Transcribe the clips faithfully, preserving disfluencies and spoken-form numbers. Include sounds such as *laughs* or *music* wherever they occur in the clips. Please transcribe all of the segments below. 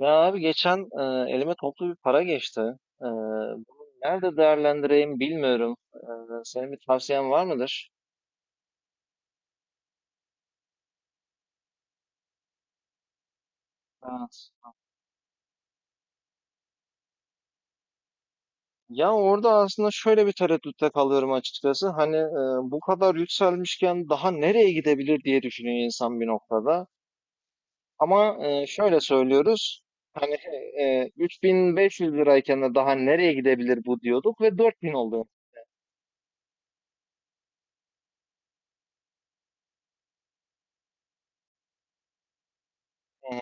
Ya abi geçen e, elime toplu bir para geçti. E, bunu nerede değerlendireyim bilmiyorum. E, senin bir tavsiyen var mıdır? Evet. Ya orada aslında şöyle bir tereddütte kalıyorum açıkçası. Hani e, bu kadar yükselmişken daha nereye gidebilir diye düşünüyor insan bir noktada. Ama e, şöyle söylüyoruz. Hani e, üç bin beş yüz lirayken de daha nereye gidebilir bu diyorduk ve dört bin oldu. E,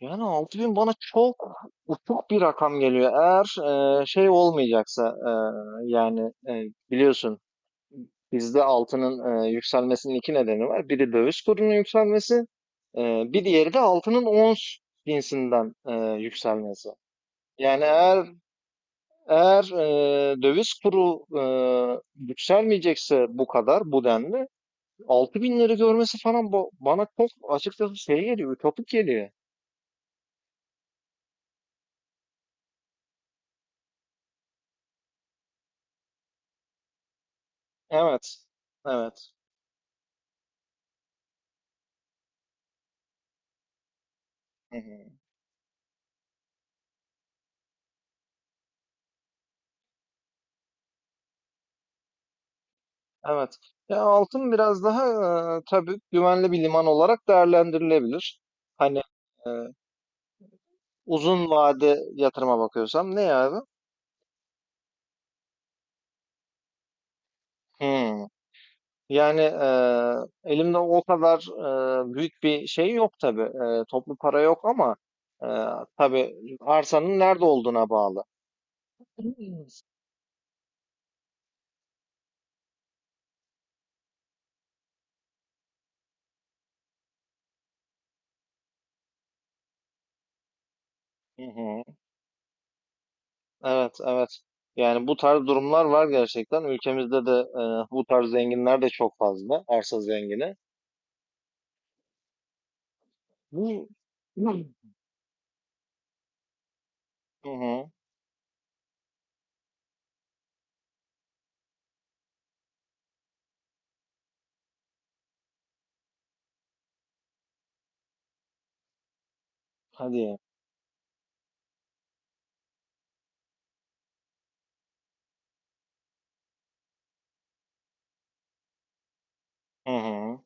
Yani altı bin bana çok uçuk bir rakam geliyor. Eğer e, şey olmayacaksa, e, yani e, biliyorsun bizde altının e, yükselmesinin iki nedeni var. Biri döviz kurunun yükselmesi, e, bir diğeri de altının ons cinsinden e, yükselmesi. Yani eğer eğer e, döviz kuru e, yükselmeyecekse bu kadar bu denli altı binleri görmesi falan, bu- bana çok açıkçası şey geliyor, ütopik geliyor. Evet. Evet. Hı hı. Evet. Ya altın biraz daha e, tabii güvenli bir liman olarak değerlendirilebilir. Hani e, uzun vade yatırıma bakıyorsam ne ya abi? Hmm. Yani e, elimde o kadar e, büyük bir şey yok tabii. E, toplu para yok ama e, tabii arsanın nerede olduğuna bağlı. Hmm. Hı hı. Evet, evet. Yani bu tarz durumlar var gerçekten. Ülkemizde de e, bu tarz zenginler de çok fazla. Arsa zengini. Bu Hı hı. Hadi. Hı hı.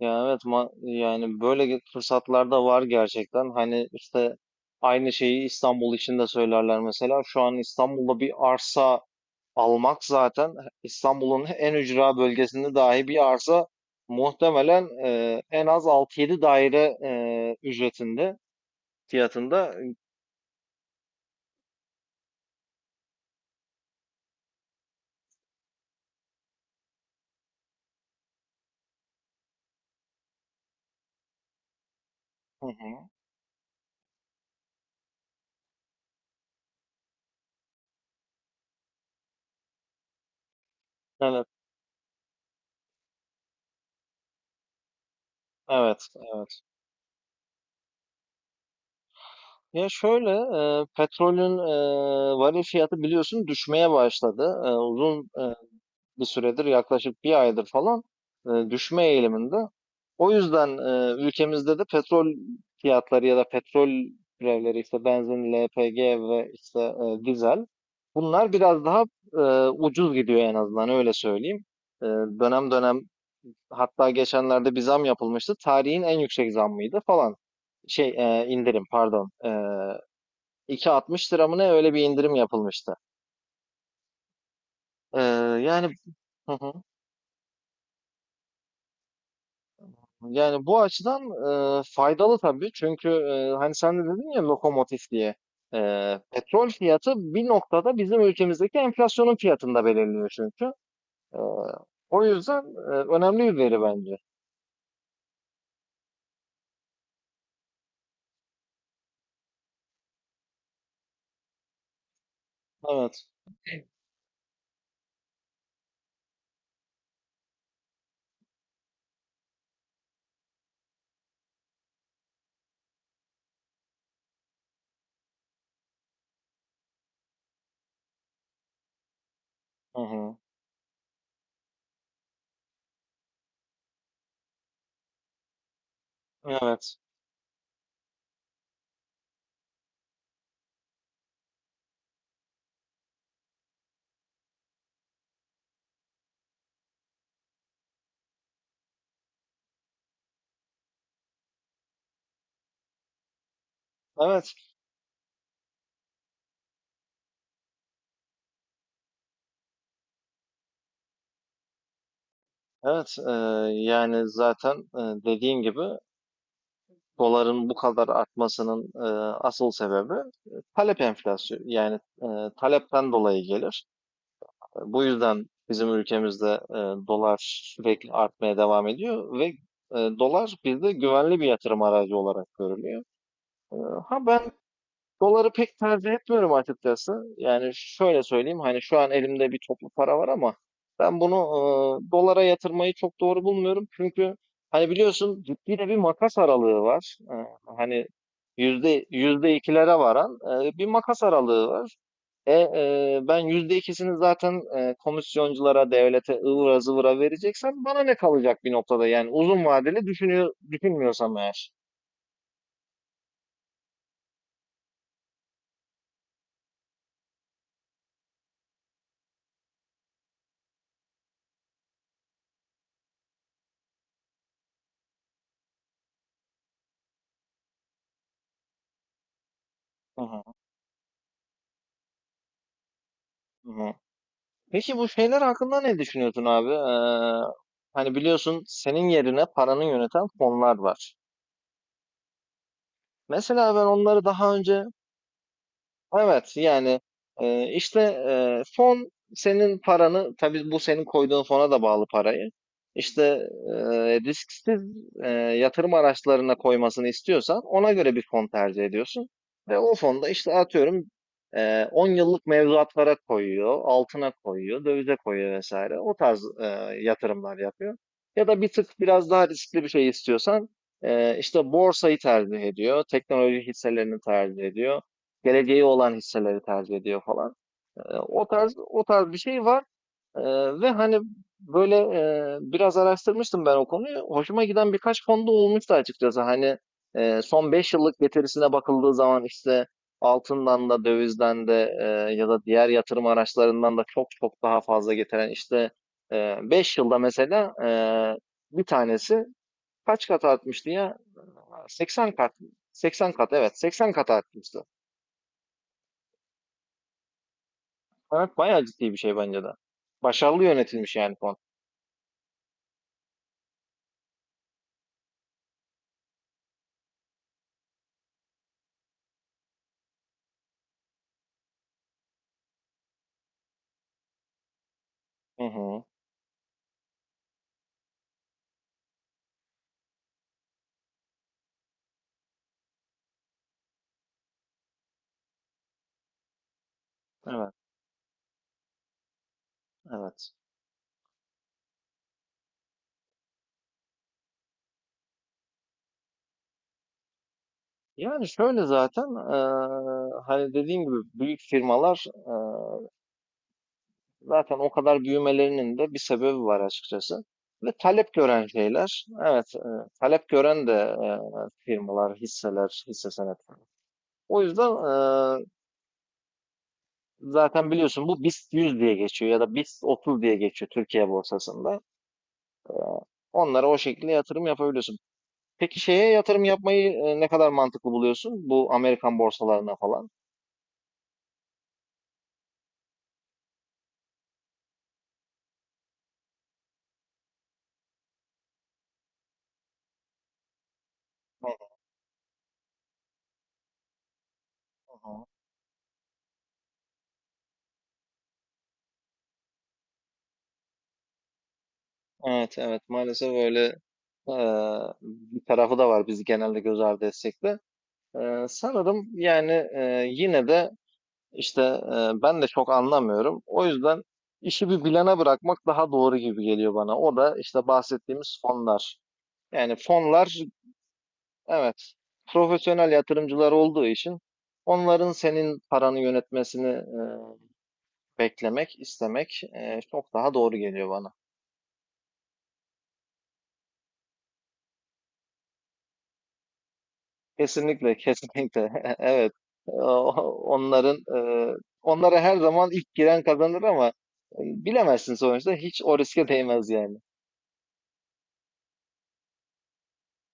Ya evet, ma- yani böyle ge- fırsatlar da var gerçekten. Hani işte aynı şeyi İstanbul için de söylerler mesela. Şu an İstanbul'da bir arsa almak zaten, İstanbul'un en ücra bölgesinde dahi bir arsa muhtemelen e, en az altı yedi daire e, ücretinde fiyatında. Hı hı. Evet. Evet, evet. Ya şöyle, e, petrolün e, varil fiyatı biliyorsun düşmeye başladı. E, uzun bir süredir, yaklaşık bir aydır falan, e, düşme eğiliminde. O yüzden e, ülkemizde de petrol fiyatları ya da petrol türevleri, işte benzin, L P G ve işte e, dizel, bunlar biraz daha e, ucuz gidiyor, en azından öyle söyleyeyim. E, Dönem dönem, hatta geçenlerde bir zam yapılmıştı. Tarihin en yüksek zammıydı falan. Şey, e, indirim pardon. E, iki altmış lira mı ne, öyle bir indirim yapılmıştı. E, Yani, hı hı. Yani bu açıdan e, faydalı tabii. Çünkü e, hani sen de dedin ya lokomotif diye. E, petrol fiyatı bir noktada bizim ülkemizdeki enflasyonun fiyatında belirliyor çünkü. E, O yüzden e, önemli bir veri bence. Evet. Hı hı. Evet. Evet. Evet. E, yani zaten e, dediğin gibi doların bu kadar artmasının e, asıl sebebi e, talep enflasyonu. Yani e, talepten dolayı gelir. Bu yüzden bizim ülkemizde e, dolar sürekli artmaya devam ediyor ve e, dolar bizde güvenli bir yatırım aracı olarak görülüyor. E, ha Ben doları pek tercih etmiyorum açıkçası. Yani şöyle söyleyeyim, hani şu an elimde bir toplu para var ama ben bunu e, dolara yatırmayı çok doğru bulmuyorum. Çünkü hani biliyorsun, ciddi de bir makas aralığı var. E, hani yüzde yüzde ikilere varan e, bir makas aralığı var. E, e, ben yüzde ikisini zaten e, komisyonculara, devlete, ıvıra zıvıra vereceksem bana ne kalacak bir noktada, yani uzun vadeli düşünüyor, düşünmüyorsam eğer. Hı hı, hı hı. Peki bu şeyler hakkında ne düşünüyorsun abi? Ee, hani biliyorsun, senin yerine paranı yöneten fonlar var. Mesela ben onları daha önce... Evet, yani e, işte e, fon senin paranı, tabii bu senin koyduğun fona da bağlı, parayı İşte e, risksiz e, yatırım araçlarına koymasını istiyorsan ona göre bir fon tercih ediyorsun ve o fonda işte, atıyorum, e, on yıllık mevduatlara koyuyor, altına koyuyor, dövize koyuyor vesaire, o tarz e, yatırımlar yapıyor. Ya da bir tık biraz daha riskli bir şey istiyorsan, e, işte borsayı tercih ediyor, teknoloji hisselerini tercih ediyor, geleceği olan hisseleri tercih ediyor falan. Ee, o tarz o tarz bir şey var. Ee, Ve hani böyle e, biraz araştırmıştım ben o konuyu. Hoşuma giden birkaç fonda olmuştu açıkçası. Hani e, son beş yıllık getirisine bakıldığı zaman, işte altından da dövizden de, e, ya da diğer yatırım araçlarından da çok çok daha fazla getiren, işte beş yılda mesela, e, bir tanesi kaç kat artmıştı ya? seksen kat. seksen kat, evet, seksen kat artmıştı. Evet, bayağı ciddi bir şey bence de. Başarılı yönetilmiş yani, fon. Hı hı. Evet, evet. Yani şöyle, zaten, eee, hani dediğim gibi, büyük firmalar, eee, zaten o kadar büyümelerinin de bir sebebi var açıkçası. Ve talep gören şeyler, evet, eee, talep gören de, eee, firmalar, hisseler, hisse senetleri. O yüzden eee, zaten biliyorsun, bu BIST yüz diye geçiyor ya da BIST otuz diye geçiyor Türkiye borsasında. Onlara o şekilde yatırım yapabiliyorsun. Peki şeye yatırım yapmayı e, ne kadar mantıklı buluyorsun? Bu Amerikan borsalarına falan. Hı hı. Evet, evet, maalesef öyle e, bir tarafı da var, bizi genelde göz ardı etsek de. E, sanırım, yani, e, yine de işte, e, ben de çok anlamıyorum. O yüzden işi bir bilene bırakmak daha doğru gibi geliyor bana. O da işte bahsettiğimiz fonlar. Yani fonlar, evet, profesyonel yatırımcılar olduğu için onların senin paranı yönetmesini e, beklemek, istemek, eee, çok daha doğru geliyor bana. Kesinlikle, kesinlikle. *laughs* Evet. O Onların, eee, onlara her zaman ilk giren kazanır ama, eee, bilemezsin sonuçta. Hiç o riske değmez yani.